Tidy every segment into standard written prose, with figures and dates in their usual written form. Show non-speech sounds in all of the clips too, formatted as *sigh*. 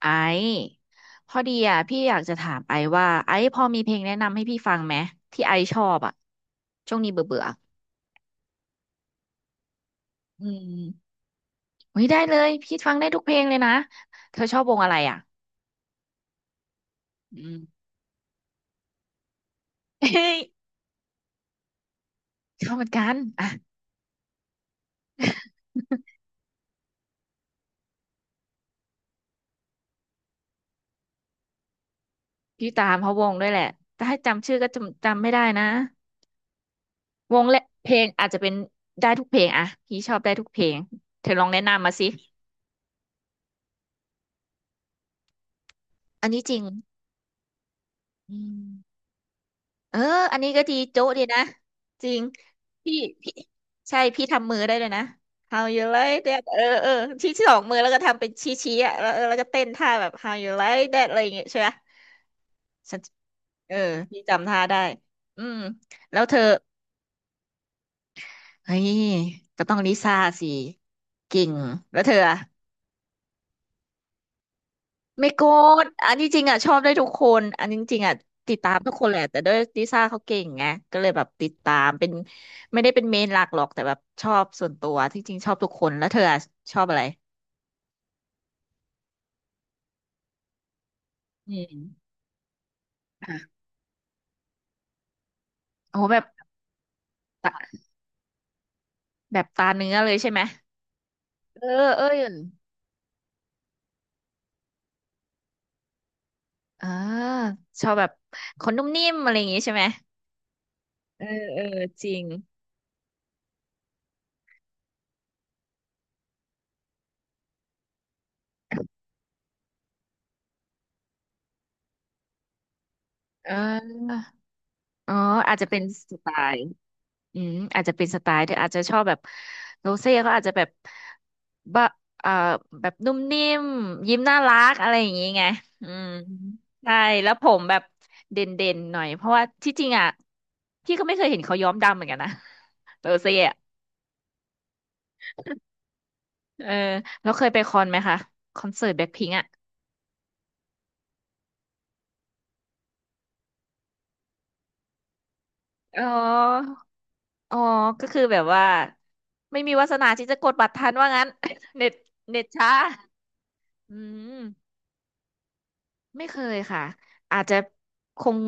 ไอซ์พอดีอ่ะพี่อยากจะถามไอซ์ว่าไอซ์พอมีเพลงแนะนำให้พี่ฟังไหมที่ไอซ์ชอบอ่ะช่วงนี้เบื่อเบื่ออืมอุ้ยได้เลยพี่ฟังได้ทุกเพลงเลยนะเธอชอบวงอะไรอ่ะอืม *laughs* เฮ้ยชอบเหมือนกันอ่ะ *laughs* พี่ตามเพาวงด้วยแหละแต่ให้จำชื่อก็จำไม่ได้นะวงและเพลงอาจจะเป็นได้ทุกเพลงอ่ะพี่ชอบได้ทุกเพลงเธอลองแนะนำมาสิอันนี้จริงอืม เอออันนี้ก็ดีโจ๊ะดีนะจริงพี่พี่ใช่พี่ทำมือได้เลยนะ How you like that เออเออชี้ที่สองมือแล้วก็ทำเป็นชี้อ่ะแล้วเออแล้วก็เต้นท่าแบบ How you like that อะไรอย่างเงี้ยใช่ไหมฉันเออพี่จำท่าได้อืมแล้วเธอเฮ้ยก็ต้องลิซ่าสิเก่งแล้วเธออะ ไม่โกรธอันนี้จริงอ่ะชอบได้ทุกคนอันนี้จริงอ่ะติดตามทุกคนแหละแต่ด้วยลิซ่าเขาเก่งไงก็เลยแบบติดตามเป็นไม่ได้เป็นเมนหลักหรอกแต่แบบชอบส่วนตัวที่จริงชอบทุกคนแล้วเธออะชอบอะไรอืมค่ะโอ้โหแบบตาแบบตาเนื้อเลยใช่ไหมเออเออเออชอบแบบคนนุ่มนิ่มอะไรอย่างงี้ใช่ไหมเออเออจริงเออ อ๋ออาจจะเป็นสไตล์อืมอาจจะเป็นสไตล์เธออาจจะชอบแบบโรเซ่ก็อาจจะแบบบะเอ่อแบบนุ่มนิ่มยิ้มน่ารักอะไรอย่างงี้ไงอืมใช่แล้วผมแบบเด่นหน่อยเพราะว่าที่จริงอ่ะพี่ก็ไม่เคยเห็นเขาย้อมดำเหมือนกันนะโรเซ่อะเออแล้วเคยไปคอนไหมคะคอนเสิร์ตแบ็คพิงอ่ะอ๋ออ๋อก็คือแบบว่าไม่มีวาสนาที่จะกดบัตรทันว่างั้น *laughs* เน็ตช้าอืม ไม่เคยค่ะอาจจะคง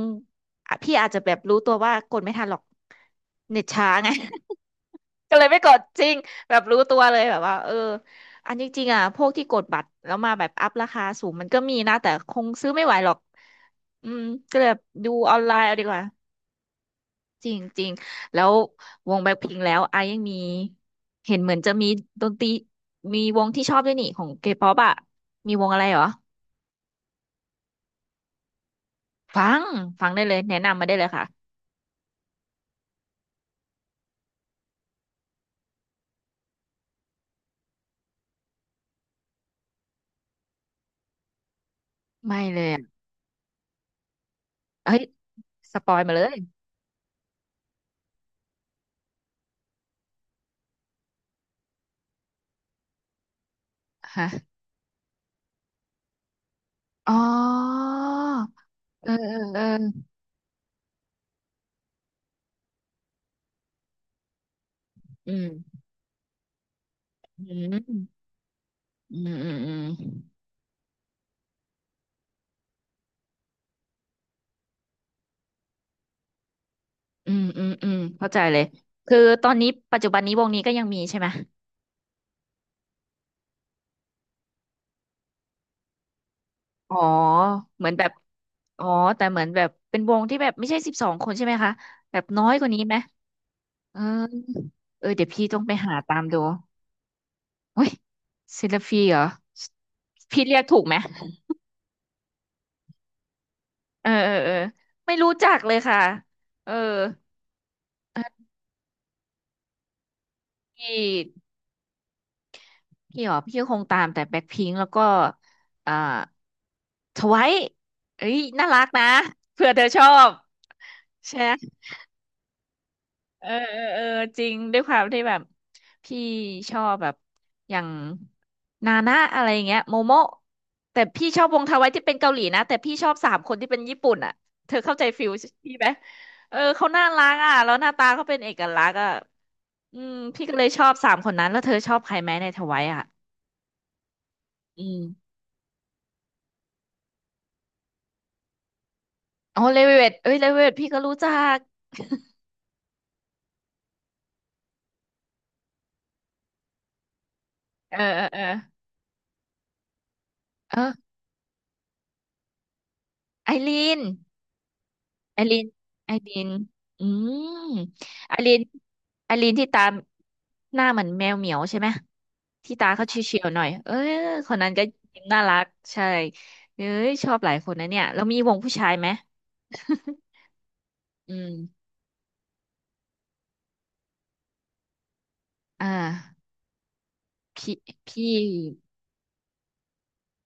อ่ะพี่อาจจะแบบรู้ตัวว่ากดไม่ทันหรอกเน็ตช้าไง *laughs* ก็เลยไม่กดจริงแบบรู้ตัวเลยแบบว่าเอออันนี้จริงๆอ่ะพวกที่กดบัตรแล้วมาแบบอัพราคาสูงมันก็มีนะแต่คงซื้อไม่ไหวหรอกอืมก็เลยแบบดูออนไลน์เอาดีกว่าจริงจริงแล้ววงแบล็คพิงค์แล้วไอยังมีเห็นเหมือนจะมีดนตรีมีวงที่ชอบด้วยนี่ของเคป๊อปอ่ะมีวงอะไรเหรอฟังได้เลยแนะนำมาได้เลยค่ะ ไม่เลยอ่ะเอ้ย สปอยมาเลยฮะอ๋อเออเออเอออืมอืมอืมอืมอืมอืมเข้าใจเลยคือตอนนี้ปัจจุบันนี้วงนี้ก็ยังมีใช่ไหมอ๋อเหมือนแบบอ๋อแต่เหมือนแบบเป็นวงที่แบบไม่ใช่สิบสองคนใช่ไหมคะ แบบน้อยกว่านี้ไหมเออเออเดี๋ยวพี่ต้องไปหาตามดูเฮ้ยซิลฟีเหรอพี่เรียกถูกไหม เออเออเออไม่รู้จักเลยค่ะ เออพี่ หรอพี่ก็คงตามแต่แบ็คพิงค์แล้วก็อ่าทไวท์เอ้ยน่ารักนะเผื่อเธอชอบใช่ไหมเออเออเออจริงด้วยความที่แบบพี่ชอบแบบอย่างนานะอะไรอย่างเงี้ยโมโมะแต่พี่ชอบวงทไวท์ที่เป็นเกาหลีนะแต่พี่ชอบสามคนที่เป็นญี่ปุ่นอ่ะเธอเข้าใจฟิลพี่ไหมเออเขาน่ารักอ่ะแล้วหน้าตาเขาเป็นเอกลักษณ์อ่ะอืมพี่ก็เลยชอบสามคนนั้นแล้วเธอชอบใครไหมในทไวท์อ่ะอืม อ๋อเลเวตเอ้ยเลเวตพี่ก็รู้จักเออเออเออเออไอรีนไอรีนไอรีนอืมไอรีนไอรีนที่ตามหน้าเหมือนแมวเหมียวใช่ไหมที่ตาเขาเฉียวๆหน่อยเออคนนั้นก็ยิ้มน่ารักใช่เอ้ยชอบหลายคนนะเนี่ยแล้วมีวงผู้ชายไหมอืมอ่าพี่พี่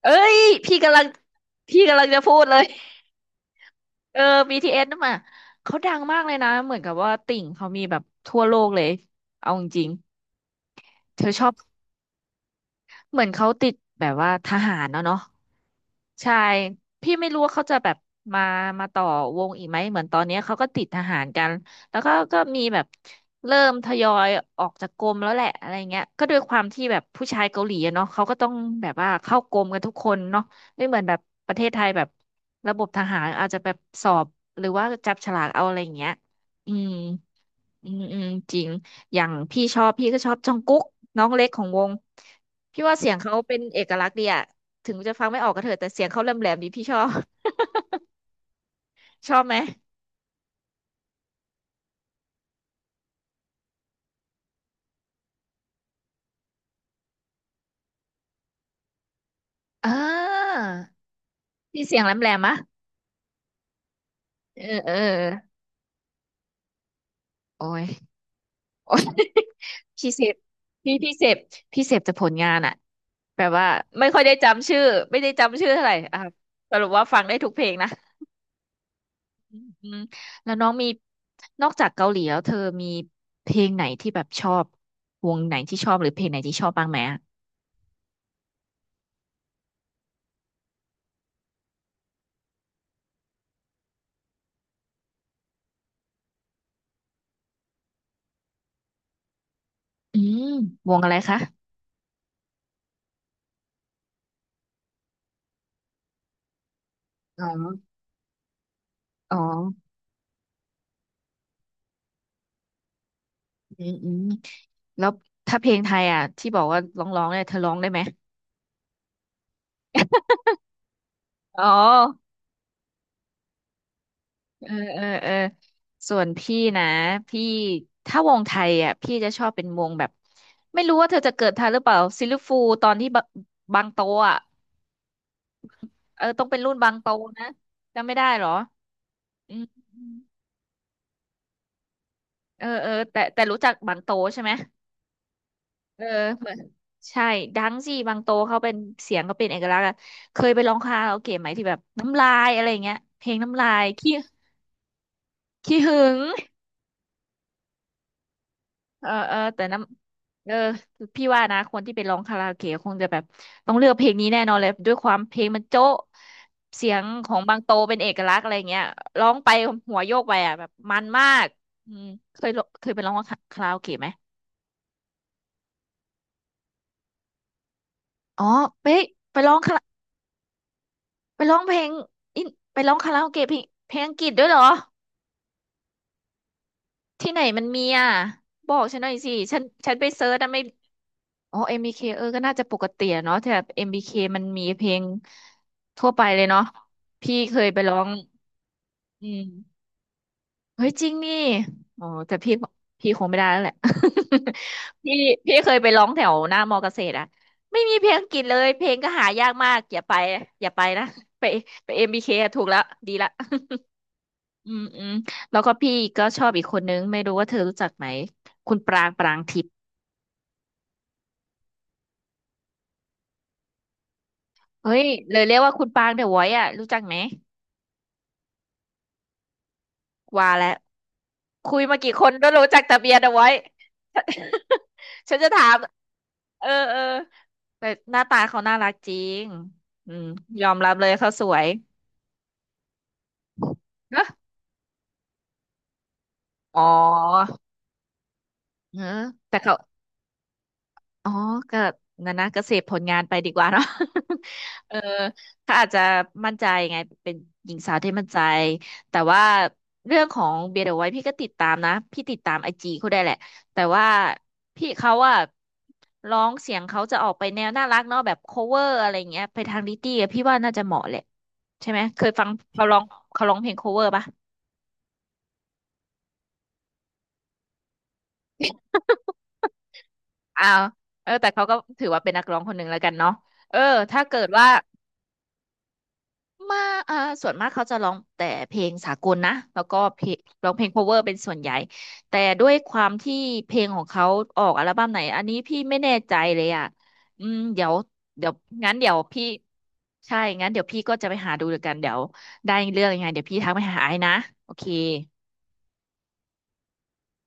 เอ้ยพี่กำลังพี่กำลังจะพูดเลย เออ BTS นั่นมาเขาดังมากเลยนะเหมือนกับว่าติ่งเขามีแบบทั่วโลกเลยเอาจริงๆเธอชอบเหมือนเขาติดแบบว่าทหารเนาะ ใช่พี่ไม่รู้ว่าเขาจะแบบมามาต่อวงอีกไหมเหมือนตอนเนี้ยเขาก็ติดทหารกันแล้วก็มีแบบเริ่มทยอยออกจากกรมแล้วแหละอะไรเงี้ยก็ด้วยความที่แบบผู้ชายเกาหลีอะเนาะเขาก็ต้องแบบว่าเข้ากรมกันทุกคนเนาะไม่เหมือนแบบประเทศไทยแบบระบบทหารอาจจะแบบสอบหรือว่าจับฉลากเอาอะไรเงี้ยอืม อืมอืมจริงอย่างพี่ชอบพี่ก็ชอบจองกุ๊กน้องเล็กของวงพี่ว่าเสียงเขาเป็นเอกลักษณ์ดีอะถึงจะฟังไม่ออกก็เถอะแต่เสียงเขาแหลมแหลมดีพี่ชอบ *laughs* ชอบไหมอ่าพี่เสียงแหลมแหลมะเออเออโอ้ยโอ้ย *laughs* พี่เสพพี่พี่เสพพี่เสพแต่ผลงานอะแบบว่าไม่ค่อยได้จำชื่อไม่ได้จำชื่อเท่าไหร่อ่ะสรุปว่าฟังได้ทุกเพลงนะ อืมแล้วน้องมีนอกจากเกาหลีแล้วเธอมีเพลงไหนที่แบบชอบวงไหนที่ชอบหรือเพลงไหนที่ชอบบ้างไหมอะอืมวงอะไรคะอ๋ออ๋ออืมอืมแล้วถ้าเพลงไทยอ่ะที่บอกว่าร้องเนี่ยเธอร้องได้ไหมอ๋อเออเออเออส่วนพี่นะพี่ถ้าวงไทยอ่ะพี่จะชอบเป็นวงแบบไม่รู้ว่าเธอจะเกิดทันหรือเปล่าซิลฟูตอนที่บะบางโตอ่ะเออต้องเป็นรุ่นบางโตนะจำไม่ได้เหรออืม เออเออแต่รู้จักบางโตใช่ไหมเออเหมือนใช่ดังสิบางโตเขาเป็นเสียงก็เป็นเอกลักษณ์อะเคยไปร้องคาราโอเกะไหมที่แบบน้ำลายอะไรอย่างเงี้ยเพลงน้ำลายขี้ขี้หึงเออเออแต่น้ำเออพี่ว่านะคนที่ไปร้องคาราโอเกะคงจะแบบต้องเลือกเพลงนี้แน่นอนเลยด้วยความเพลงมันโจ๊ะเสียงของบางโตเป็นเอกลักษณ์อะไรเงี้ยร้องไปหัวโยกไปอ่ะแบบมันมากอืมเคยร้องเคยไปร้องคาราโอเกะไหมอ๋อไปไปร้องคารา ไปร้องเพลงอินไปร้องคาราโอเกะเพลงอังกฤษด้วยเหรอที่ไหนมันมีอ่ะบอกฉันหน่อยสิฉันไปเซิร์ชนะไม่อ๋อเอ็มบีเคเออก็น่าจะปกติอะเนาะแต่เอ็มบีเคมันมีเพลงทั่วไปเลยเนาะพี่เคยไปร้องอืมเฮ้ยจริงนี่อ๋อแต่พี่พี่คงไม่ได้แล้วแหละ *laughs* พี่พี่เคยไปร้องแถวหน้ามอเกษตรอะไม่มีเพลงอังกฤษเลยเพลงก็หายากมากอย่าไปอย่าไปนะไปไป MBK อมบีเคอะถูกแล้วดีละ อืมอืมแล้วก็พี่ก็ชอบอีกคนนึงไม่รู้ว่าเธอรู้จักไหมคุณปรางปรางทิพย์เฮ้ยเลยเรียกว่าคุณปรางเดอะไวท์อ่ะรู้จักไหมว่าแล้วคุยมากี่คนก็รู้จักแต่เบียร์เดอะไวท์ *laughs* ฉันจะถามเออเออแต่หน้าตาเขาน่ารักจริงอืมยอมรับเลยเขาสวยเนอะอ๋อเออแต่เขา อ๋อ ก็งั้นนะก็เสพผลงานไปดีกว่าเนาะ *laughs* เออเขาอาจจะมั่นใจไงเป็นหญิงสาวที่มั่นใจ แต่ว่าเรื่องของเบียร์เดอะไวท์พี่ก็ติดตามนะ พี่ติดตามไอจีเขาได้แหละ แต่ว่าพี่เขาอะร้องเสียงเขาจะออกไปแนวน่ารักเนาะแบบ cover อะไรเงี้ยไปทางลิตตี้อะพี่ว่าน่าจะเหมาะแหละใช่ไหมเคยฟังเขาร้องเขาร้องเพลง cover ปะอ้าวเออแต่เขาก็ถือว่าเป็นนักร้องคนหนึ่งแล้วกันเนาะเออถ้าเกิดว่า มาอ่าส่วนมากเขาจะร้องแต่เพลงสากลนะแล้วก็เพลงร้องเพลง cover เป็นส่วนใหญ่แต่ด้วยความที่เพลงของเขาออกอัลบั้มไหนอันนี้พี่ไม่แน่ใจเลยอ่ะอืมเดี๋ยวเดี๋ยวงั้นเดี๋ยวพี่ใช่งั้นเดี๋ยวพี่ก็จะไปหาดูแล้วกันเดี๋ยวได้เรื่องยังไงเดี๋ยวพี่ทักไปหาไอ้นะโอเค